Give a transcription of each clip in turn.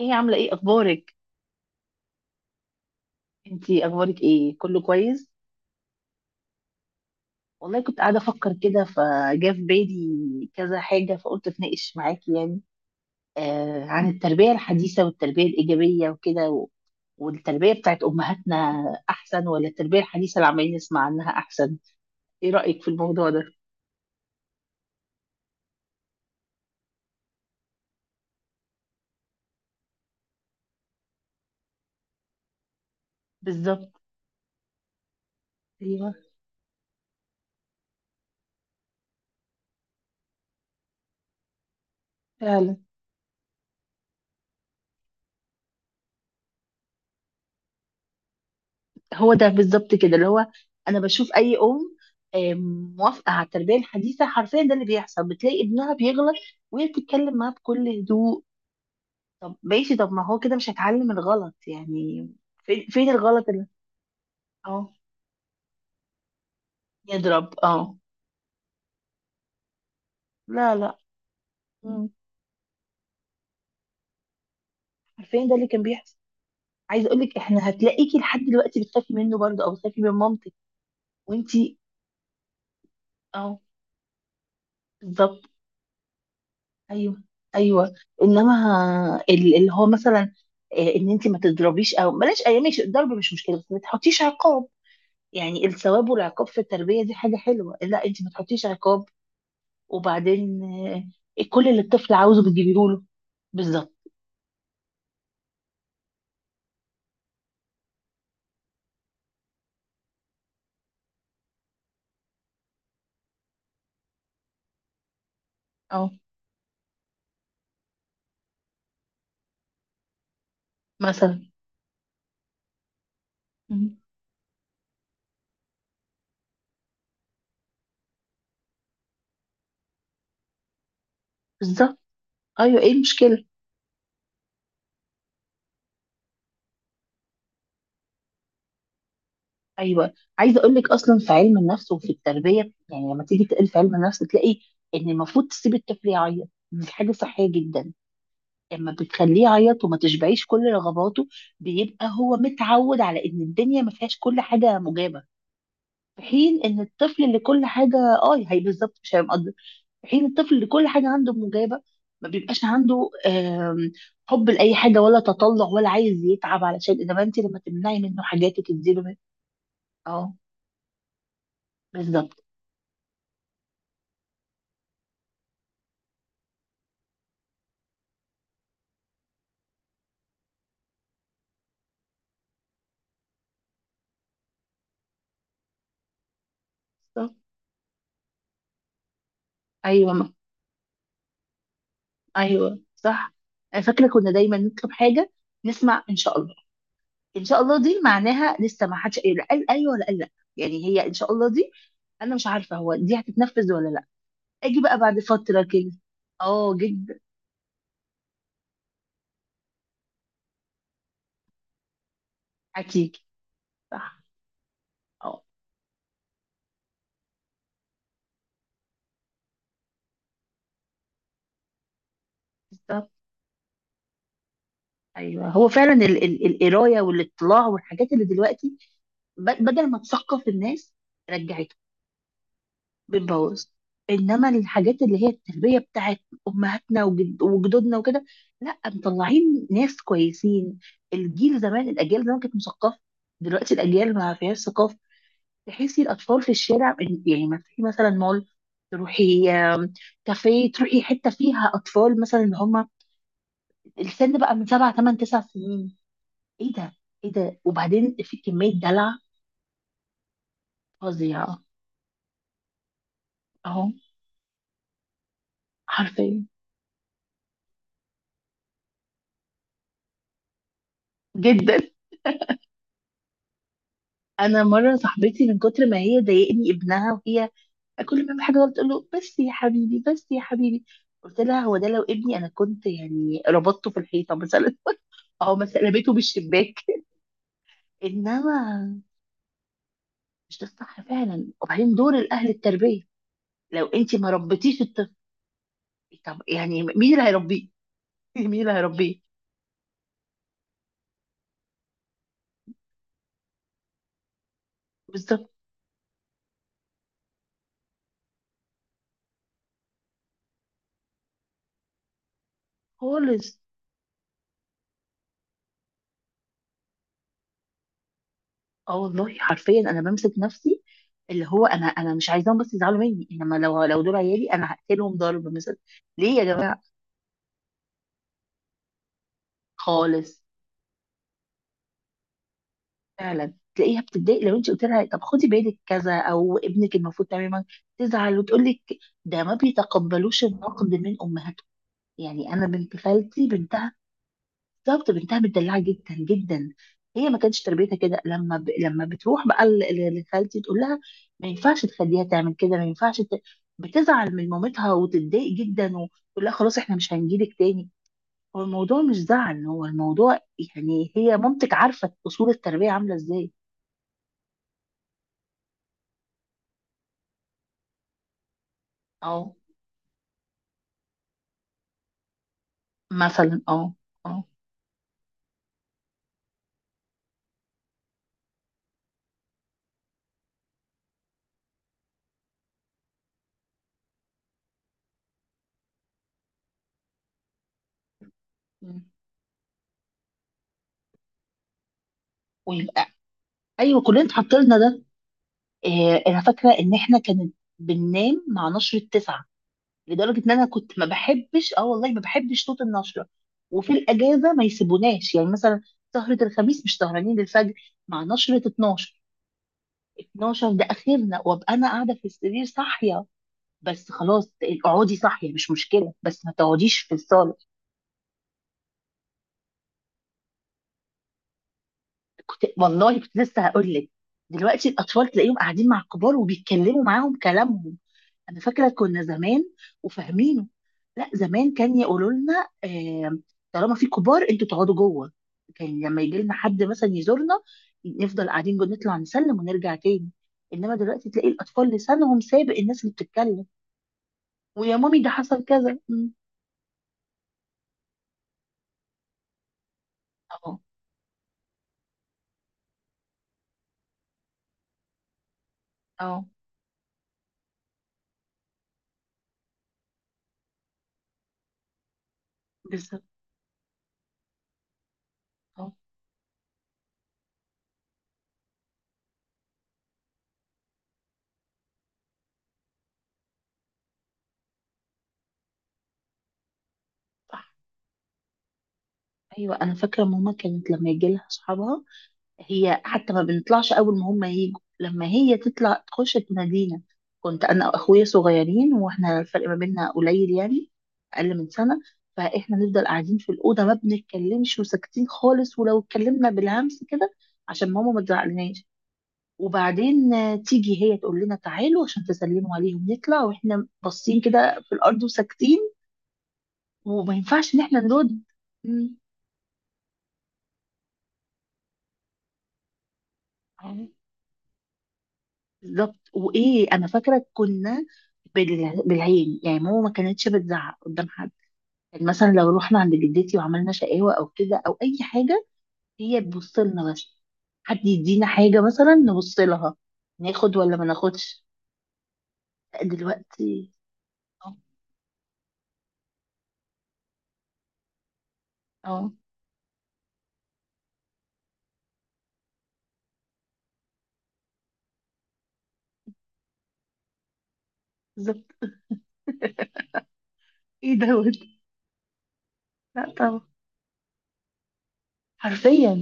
ايه، عاملة ايه؟ اخبارك؟ انتي اخبارك ايه؟ كله كويس؟ والله كنت قاعدة افكر كده، فجاء في بالي كذا حاجة فقلت اتناقش معاكي يعني عن التربية الحديثة والتربية الإيجابية وكده. والتربية بتاعت أمهاتنا أحسن ولا التربية الحديثة اللي عمالين نسمع عنها أحسن؟ ايه رأيك في الموضوع ده؟ بالظبط. ايوه، فعلا. هو ده بالظبط كده اللي هو انا بشوف اي ام موافقه على التربيه الحديثه حرفيا، ده اللي بيحصل، بتلاقي ابنها بيغلط وهي بتتكلم معاه بكل هدوء. طب ماشي، طب ما هو كده مش هيتعلم الغلط يعني؟ فين الغلط اللي اه يضرب؟ اه لا لا. مم. عارفين ده اللي كان بيحصل. عايزه اقول لك احنا هتلاقيكي لحد دلوقتي بتخافي منه برضه او بتخافي من مامتك. وانتي اه، بالظبط. ايوه ايوه. انما اللي هو مثلا ان انت ما تضربيش، او بلاش، اي ماشي، الضرب مش مشكله، بس ما تحطيش عقاب. يعني الثواب والعقاب في التربيه دي حاجه حلوه، لا انت ما تحطيش عقاب وبعدين كل اللي الطفل عاوزه بتجيبيه له. بالظبط. اه مثلا. مم. بالظبط. ايوه، ايه المشكله؟ ايوه، عايزه اقول لك اصلا في علم النفس وفي التربيه، يعني لما تيجي تقل في علم النفس تلاقي ان المفروض تسيب الطفل يعيط، دي حاجه صحيه جدا. لما بتخليه يعيط وما تشبعيش كل رغباته بيبقى هو متعود على ان الدنيا ما فيهاش كل حاجه مجابه. في حين ان الطفل اللي كل حاجه اه هي بالظبط، مش هيبقى، في حين الطفل اللي كل حاجه عنده مجابه ما بيبقاش عنده حب لاي حاجه، ولا تطلع، ولا عايز يتعب علشان، انما انت لما تمنعي منه حاجات وتديله. اه بالظبط. بالظبط. ايوه ما. ايوه صح. أنا فاكره كنا دايما نطلب حاجه نسمع ان شاء الله، ان شاء الله دي معناها لسه ما حدش قال، قال ايوه ولا قال لا، يعني هي ان شاء الله دي انا مش عارفه هو دي هتتنفذ ولا لا، اجي بقى بعد فتره كده. اه جدا. اكيد. صح. اه بالظبط. ايوه هو فعلا القرايه والاطلاع والحاجات اللي دلوقتي بدل ما تثقف الناس رجعتهم، بتبوظ. انما الحاجات اللي هي التربيه بتاعت امهاتنا وجدودنا وكده، لا، مطلعين ناس كويسين. الجيل زمان، الاجيال زمان كانت مثقفه، دلوقتي الاجيال ما فيهاش ثقافه. تحسي الاطفال في الشارع، يعني ما تروحي مثلا مول، تروحي كافيه، تروحي حته فيها اطفال مثلا اللي هم السن بقى من سبع ثمان تسع سنين. ايه ده، ايه ده؟ وبعدين في كمية دلع فظيعة. اهو، حرفيا، جدا. انا مرة صاحبتي من كتر ما هي ضايقني ابنها، وهي كل ما يعمل حاجة غلط تقول له بس يا حبيبي، بس يا حبيبي، قلت لها هو ده لو ابني انا كنت يعني ربطته في الحيطة مثلا او مثلا رميته بالشباك. انما مش ده الصح فعلا، وبعدين دور الاهل التربية، لو انت ما ربيتيش الطفل طب يعني مين اللي هيربيه؟ مين اللي هيربيه؟ بالظبط. خالص. اه والله حرفيا انا بمسك نفسي، اللي هو انا مش عايزاهم بس يزعلوا مني، انما لو دول عيالي انا هقتلهم ضرب مثلا. ليه يا جماعه؟ خالص. فعلا تلاقيها بتتضايق لو انت قلت لها طب خدي بالك كذا او ابنك المفروض تماما، تزعل وتقول لك، ده ما بيتقبلوش النقد من امهاتهم. يعني انا بنت خالتي بنتها، بالظبط، بنتها متدلعه جدا جدا، هي ما كانتش تربيتها كده، لما لما بتروح بقى لخالتي تقول لها ما ينفعش تخليها تعمل كده، ما ينفعش بتزعل من مامتها وتتضايق جدا وتقول لها خلاص احنا مش هنجيلك تاني. هو الموضوع مش زعل، هو الموضوع يعني هي مامتك عارفه اصول التربيه عامله ازاي. اه مثلا. اه اه. مم. ويبقى ايوه كلنا اتحط لنا ده. إيه، انا فاكره ان احنا كانت بننام مع نشره 9، لدرجه ان انا كنت ما بحبش، اه والله ما بحبش صوت النشره. وفي الاجازه ما يسيبوناش يعني مثلا سهره الخميس مش سهرانين للفجر، مع نشره 12، 12 ده اخرنا، وابقى انا قاعده في السرير صاحيه، بس خلاص اقعدي صاحيه مش مشكله بس ما تقعديش في الصاله. كنت والله كنت لسه هقول لك، دلوقتي الاطفال تلاقيهم قاعدين مع الكبار وبيتكلموا معاهم كلامهم. انا فاكره كنا زمان وفاهمينه، لا، زمان كان يقولوا لنا طالما في كبار انتوا تقعدوا جوه. كان لما يجي لنا حد مثلا يزورنا نفضل قاعدين جوه، نطلع نسلم ونرجع تاني، انما دلوقتي تلاقي الاطفال لسانهم سابق الناس اللي بتتكلم. ويا مامي ده حصل كذا. مم. اه اه بالظبط. اه صح. ايوه انا فاكره ماما كانت لما يجي لها اصحابها هي حتى ما بنطلعش، اول ما هم يجوا لما هي تطلع تخش تنادينا. كنت انا واخويا صغيرين واحنا الفرق ما بيننا قليل يعني، اقل من سنه، فاحنا نفضل قاعدين في الاوضه ما بنتكلمش وساكتين خالص، ولو اتكلمنا بالهمس كده عشان ماما ما تزعلناش. وبعدين تيجي هي تقول لنا تعالوا عشان تسلموا عليهم، نطلع واحنا باصين كده في الارض وساكتين، وما ينفعش ان احنا نرد. مم. بالظبط. وايه، انا فاكره كنا بالعين يعني، ماما ما كانتش بتزعق قدام حد. يعني مثلا لو رحنا عند جدتي وعملنا شقاوه او كده او اي حاجه، هي تبص لنا بس. حد يدينا حاجه مثلا نبص لها، ناخد ولا ما ناخدش. لا، دلوقتي. اه. آه، بالظبط. ايه دوت. لا طبعا. حرفيا.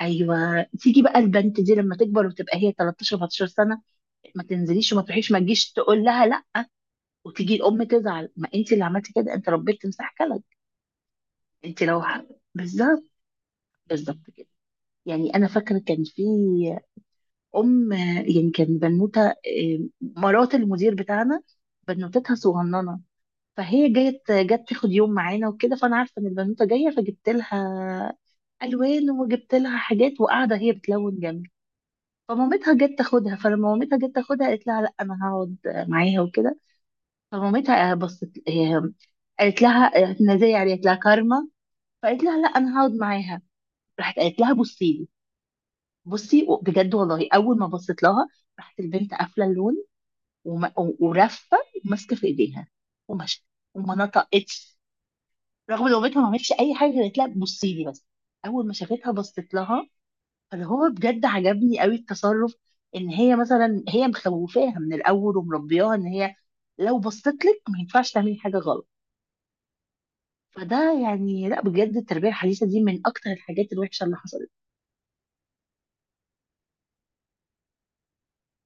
ايوه، تيجي بقى البنت دي لما تكبر وتبقى هي 13 14 سنه، ما تنزليش وما تروحيش، ما تجيش تقول لها لا، وتيجي الام تزعل، ما انت اللي عملتي كده، انت ربيت تمساح، كلب. انت لو ح-، بالظبط بالظبط كده. يعني انا فاكره كان في ام، يعني كان بنوته مرات المدير بتاعنا بنوتتها صغننه، فهي جت تاخد يوم معانا وكده، فانا عارفه ان البنوته جايه فجبت لها الوان وجبت لها حاجات، وقاعده هي بتلون جنبي. فمامتها جت تاخدها، فلما مامتها جت تاخدها قالت لها لا انا هقعد معاها وكده، فمامتها بصت قالت لها احنا زي يعني، قالت لها كارما. فقالت لها لا انا هقعد معاها. راحت قالت لها بصي لي، بصي بجد والله اول ما بصيت لها راحت البنت قافله اللون وم- ورفه وماسكه في ايديها ومشت وما نطقتش. رغم ان بنتها ما عملتش اي حاجه، قالت لها بصي لي بس، اول ما شافتها بصيت لها. فاللي هو بجد عجبني قوي التصرف، ان هي مثلا هي مخوفاها من الاول ومربياها ان هي لو بصيت لك ما ينفعش تعملي حاجه غلط. فده يعني لا، بجد التربيه الحديثه دي من اكتر الحاجات الوحشه اللي حصلت.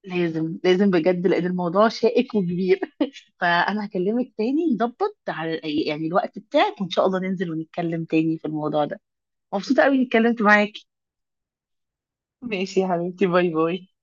لازم لازم بجد لان الموضوع شائك وكبير فانا هكلمك تاني نظبط على يعني الوقت بتاعك وان شاء الله ننزل ونتكلم تاني في الموضوع ده. مبسوطة قوي اني اتكلمت معاكي. ماشي يا حبيبتي، باي باي.